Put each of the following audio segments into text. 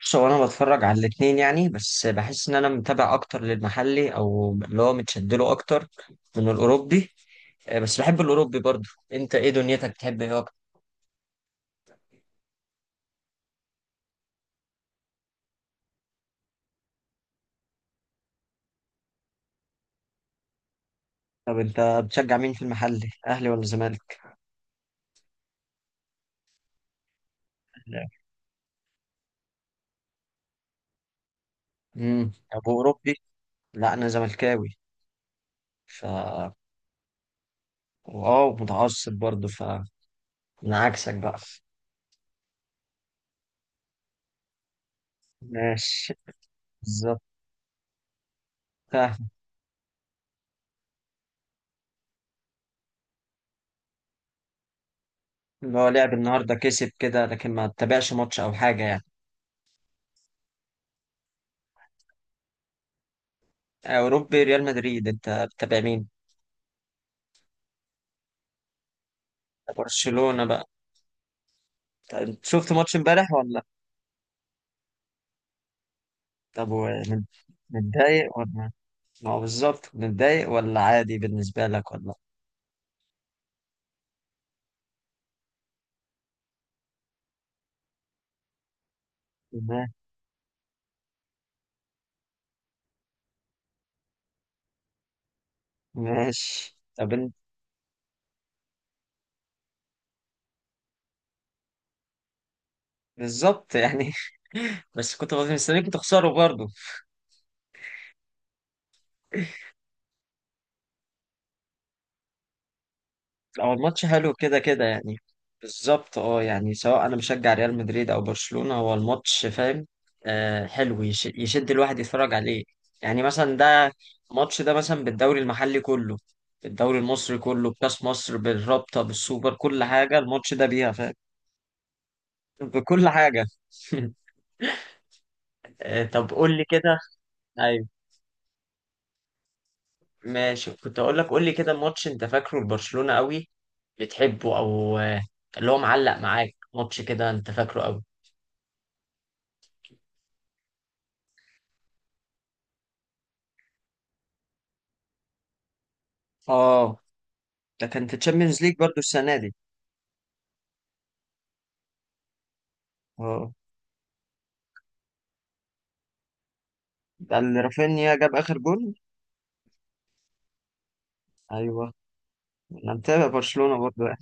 بص، هو انا بتفرج على الاتنين يعني. بس بحس ان انا متابع اكتر للمحلي، او اللي هو متشدله اكتر من الاوروبي. بس بحب الاوروبي برضه. انت ايه دنيتك؟ بتحب ايه اكتر؟ طب انت بتشجع مين في المحلي، اهلي ولا زمالك؟ ابو اوروبي. لا انا زملكاوي. ف واو، متعصب برضه. انا عكسك بقى. ماشي. بالظبط. فاهم. اللي هو لعب النهارده كسب كده، لكن ما تتابعش ماتش او حاجه يعني. اوروبي، ريال مدريد. انت بتتابع مين؟ برشلونة بقى. طب شفت ماتش امبارح ولا؟ طب متضايق ولا؟ ما هو بالظبط، متضايق ولا عادي بالنسبة لك ولا؟ ما- ماشي. طب بالظبط يعني. بس كنت مستنيكم تخسروا برضه. هو الماتش حلو كده كده يعني. بالظبط اه يعني سواء انا مشجع ريال مدريد او برشلونة، هو الماتش فاهم. آه حلو، يشد الواحد يتفرج عليه. يعني مثلا ده الماتش ده مثلا بالدوري المحلي كله، بالدوري المصري كله، بكاس مصر، بالرابطة، بالسوبر، كل حاجة الماتش ده بيها فاهم. بكل حاجة. آه طب قول لي كده. ايوه، ماشي. كنت اقول لك، قول لي كده ماتش انت فاكره لبرشلونة قوي بتحبه، او اللي هو معلق معاك ماتش كده انت فاكره قوي. اه، ده كان في تشامبيونز ليج برضو السنة دي. اه ده اللي رافينيا جاب آخر جول. ايوه، انا متابع برشلونة برضو يعني.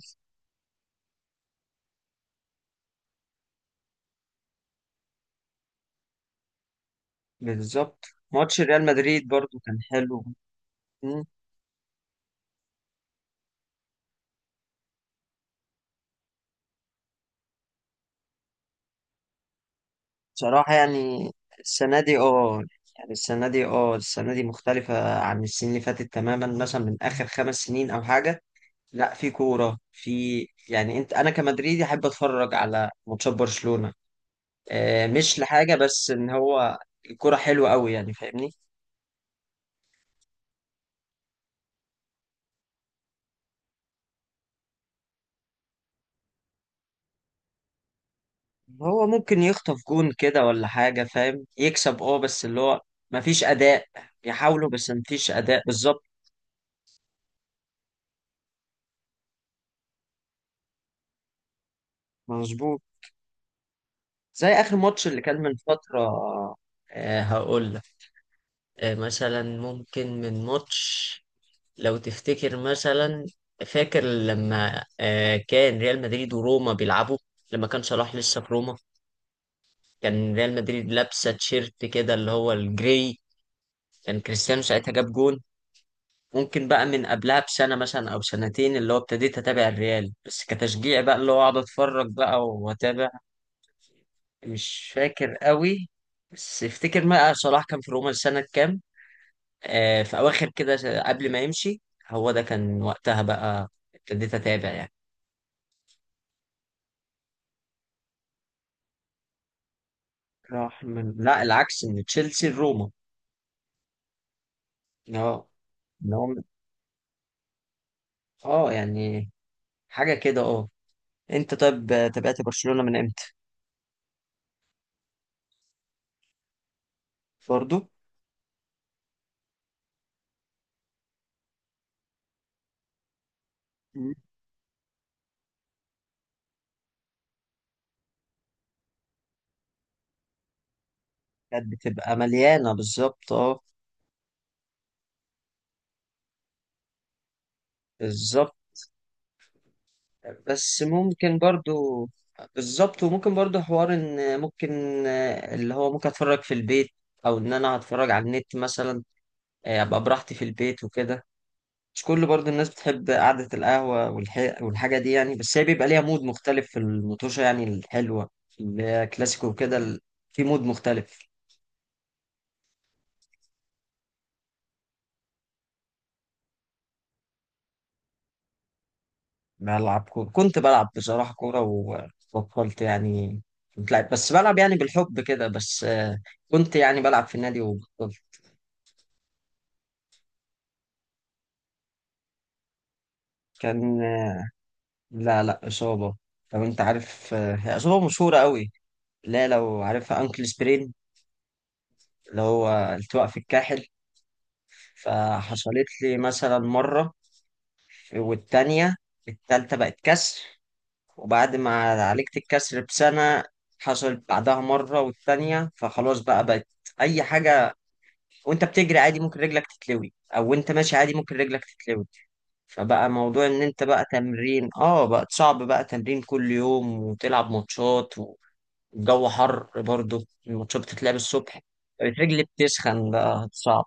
بالظبط. ماتش ريال مدريد برضو كان حلو. مم. بصراحة يعني السنة دي اه يعني السنة دي اه السنة دي مختلفة عن السنين اللي فاتت تماما، مثلا من آخر خمس سنين أو حاجة. لا في كورة في. يعني انت انا كمدريدي احب اتفرج على ماتشات برشلونة. مش لحاجة، بس ان هو الكورة حلوة قوي يعني فاهمني. هو ممكن يخطف جون كده ولا حاجة فاهم، يكسب اه بس اللي هو مفيش أداء. يحاولوا بس مفيش أداء بالظبط. مظبوط. زي آخر ماتش اللي كان من فترة. آه هقول لك. آه مثلا ممكن من ماتش، لو تفتكر مثلا، فاكر لما آه كان ريال مدريد وروما بيلعبوا، لما كان صلاح لسه في روما، كان ريال مدريد لابسة تيشيرت كده اللي هو الجري. كان كريستيانو ساعتها جاب جون. ممكن بقى من قبلها بسنة مثلا أو سنتين اللي هو ابتديت أتابع الريال، بس كتشجيع بقى اللي هو أقعد أتفرج بقى وأتابع. مش فاكر قوي. بس افتكر بقى صلاح كان في روما سنة كام. آه في أواخر كده قبل ما يمشي. هو ده كان وقتها بقى. ابتديت أتابع يعني. راح من، لا العكس، من تشيلسي لروما. اه إن هو- اه يعني حاجة كده اه. انت طيب تابعت برشلونة من امتى؟ برضو. مم. كانت بتبقى مليانة بالظبط اه. بالظبط. بس ممكن برضو، بالظبط. وممكن برضو حوار ان ممكن اللي هو ممكن اتفرج في البيت، او ان انا هتفرج على النت مثلا. ابقى براحتي في البيت وكده. مش كل برضو الناس بتحب قعدة القهوة والحاجة دي يعني. بس هي بيبقى ليها مود مختلف في المطوشة يعني الحلوة اللي هي كلاسيكو وكده في مود مختلف. بلعب كورة، كنت بلعب بصراحة كورة وبطلت يعني. كنت لعب، بس بلعب يعني بالحب كده، بس كنت يعني بلعب في النادي وبطلت. كان، لا لا إصابة. لو أنت عارف هي إصابة مشهورة قوي. لا لو عارفها، أنكل سبرين، اللي هو التواء في الكاحل. فحصلت لي مثلا مرة، والتانية، التالتة بقت كسر. وبعد ما عالجت الكسر بسنة، حصلت بعدها مرة والتانية، فخلاص بقى بقت أي حاجة. وأنت بتجري عادي ممكن رجلك تتلوي، أو وأنت ماشي عادي ممكن رجلك تتلوي. فبقى موضوع إن أنت بقى تمرين آه بقى صعب بقى تمرين كل يوم وتلعب ماتشات، الجو حر برضه، الماتشات بتتلعب الصبح، الرجل بتسخن بقى صعب.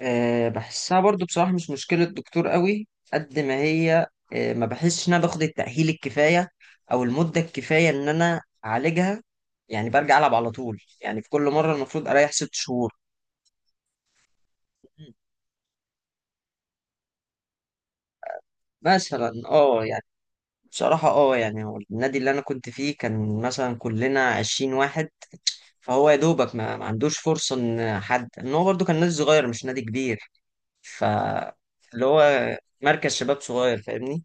أه بحسها برضه بصراحة مش مشكلة دكتور قوي قد ما هي. أه ما بحسش إن أنا باخد التأهيل الكفاية أو المدة الكفاية إن أنا أعالجها. يعني برجع ألعب على طول يعني. في كل مرة المفروض أريح ست شهور مثلا اه يعني. بصراحة اه يعني هو النادي اللي أنا كنت فيه كان مثلا كلنا عشرين واحد. فهو يا دوبك ما عندوش فرصة إن حد، إن هو برضه كان نادي صغير مش نادي كبير. ف اللي هو مركز شباب صغير فاهمني.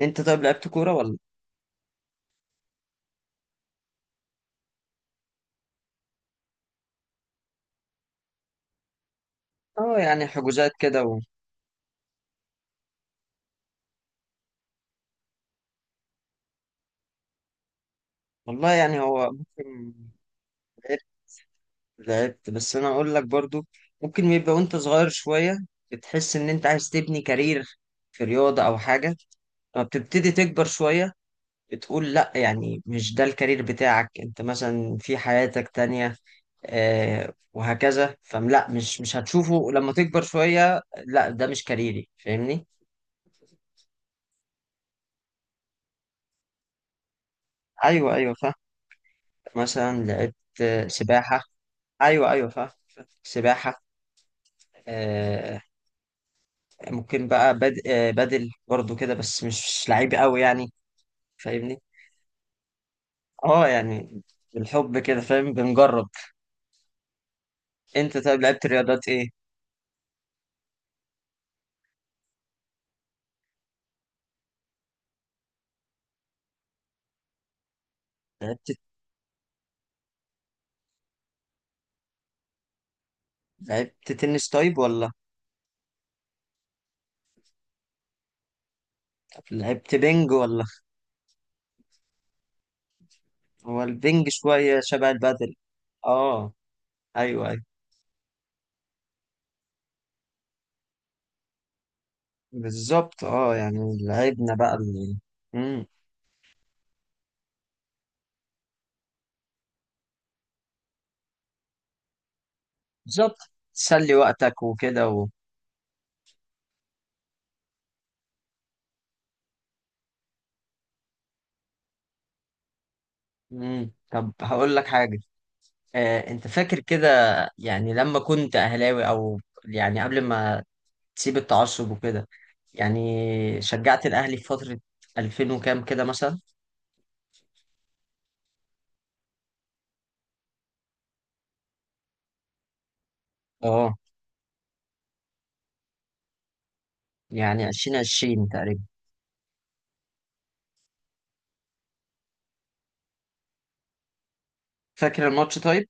انت طيب لعبت كورة ولا؟ اه يعني حجوزات كده و... والله يعني هو ممكن لعبت لعبت بس انا اقول لك برضو، ممكن يبقى وانت صغير شوية بتحس ان انت عايز تبني كارير في رياضة او حاجة. لما بتبتدي تكبر شوية بتقول لا، يعني مش ده الكارير بتاعك انت مثلا في حياتك تانية. وهكذا. فلا مش هتشوفه لما تكبر شوية، لا ده مش كاريري فاهمني. ايوه ايوه فاهم. مثلا لقيت سباحة. أيوه أيوه فاهم. سباحة. آه، ممكن بقى بدل برضو كده بس مش لعيب قوي يعني فاهمني. اه يعني بالحب كده فاهم بنجرب. انت طيب لعبت رياضات ايه؟ لعبت لعبت تنس طيب ولا؟ لعبت بينج ولا؟ هو البينج شوية شبه البدل اه. ايوه ايوه بالظبط اه. يعني لعبنا بقى مم. بالظبط تسلي وقتك وكده و... مم. طب هقول لك حاجة انت فاكر كده يعني لما كنت اهلاوي، او يعني قبل ما تسيب التعصب وكده، يعني شجعت الاهلي في فترة 2000 وكام كده مثلا اه يعني 2020 تقريبا؟ فاكر الماتش طيب؟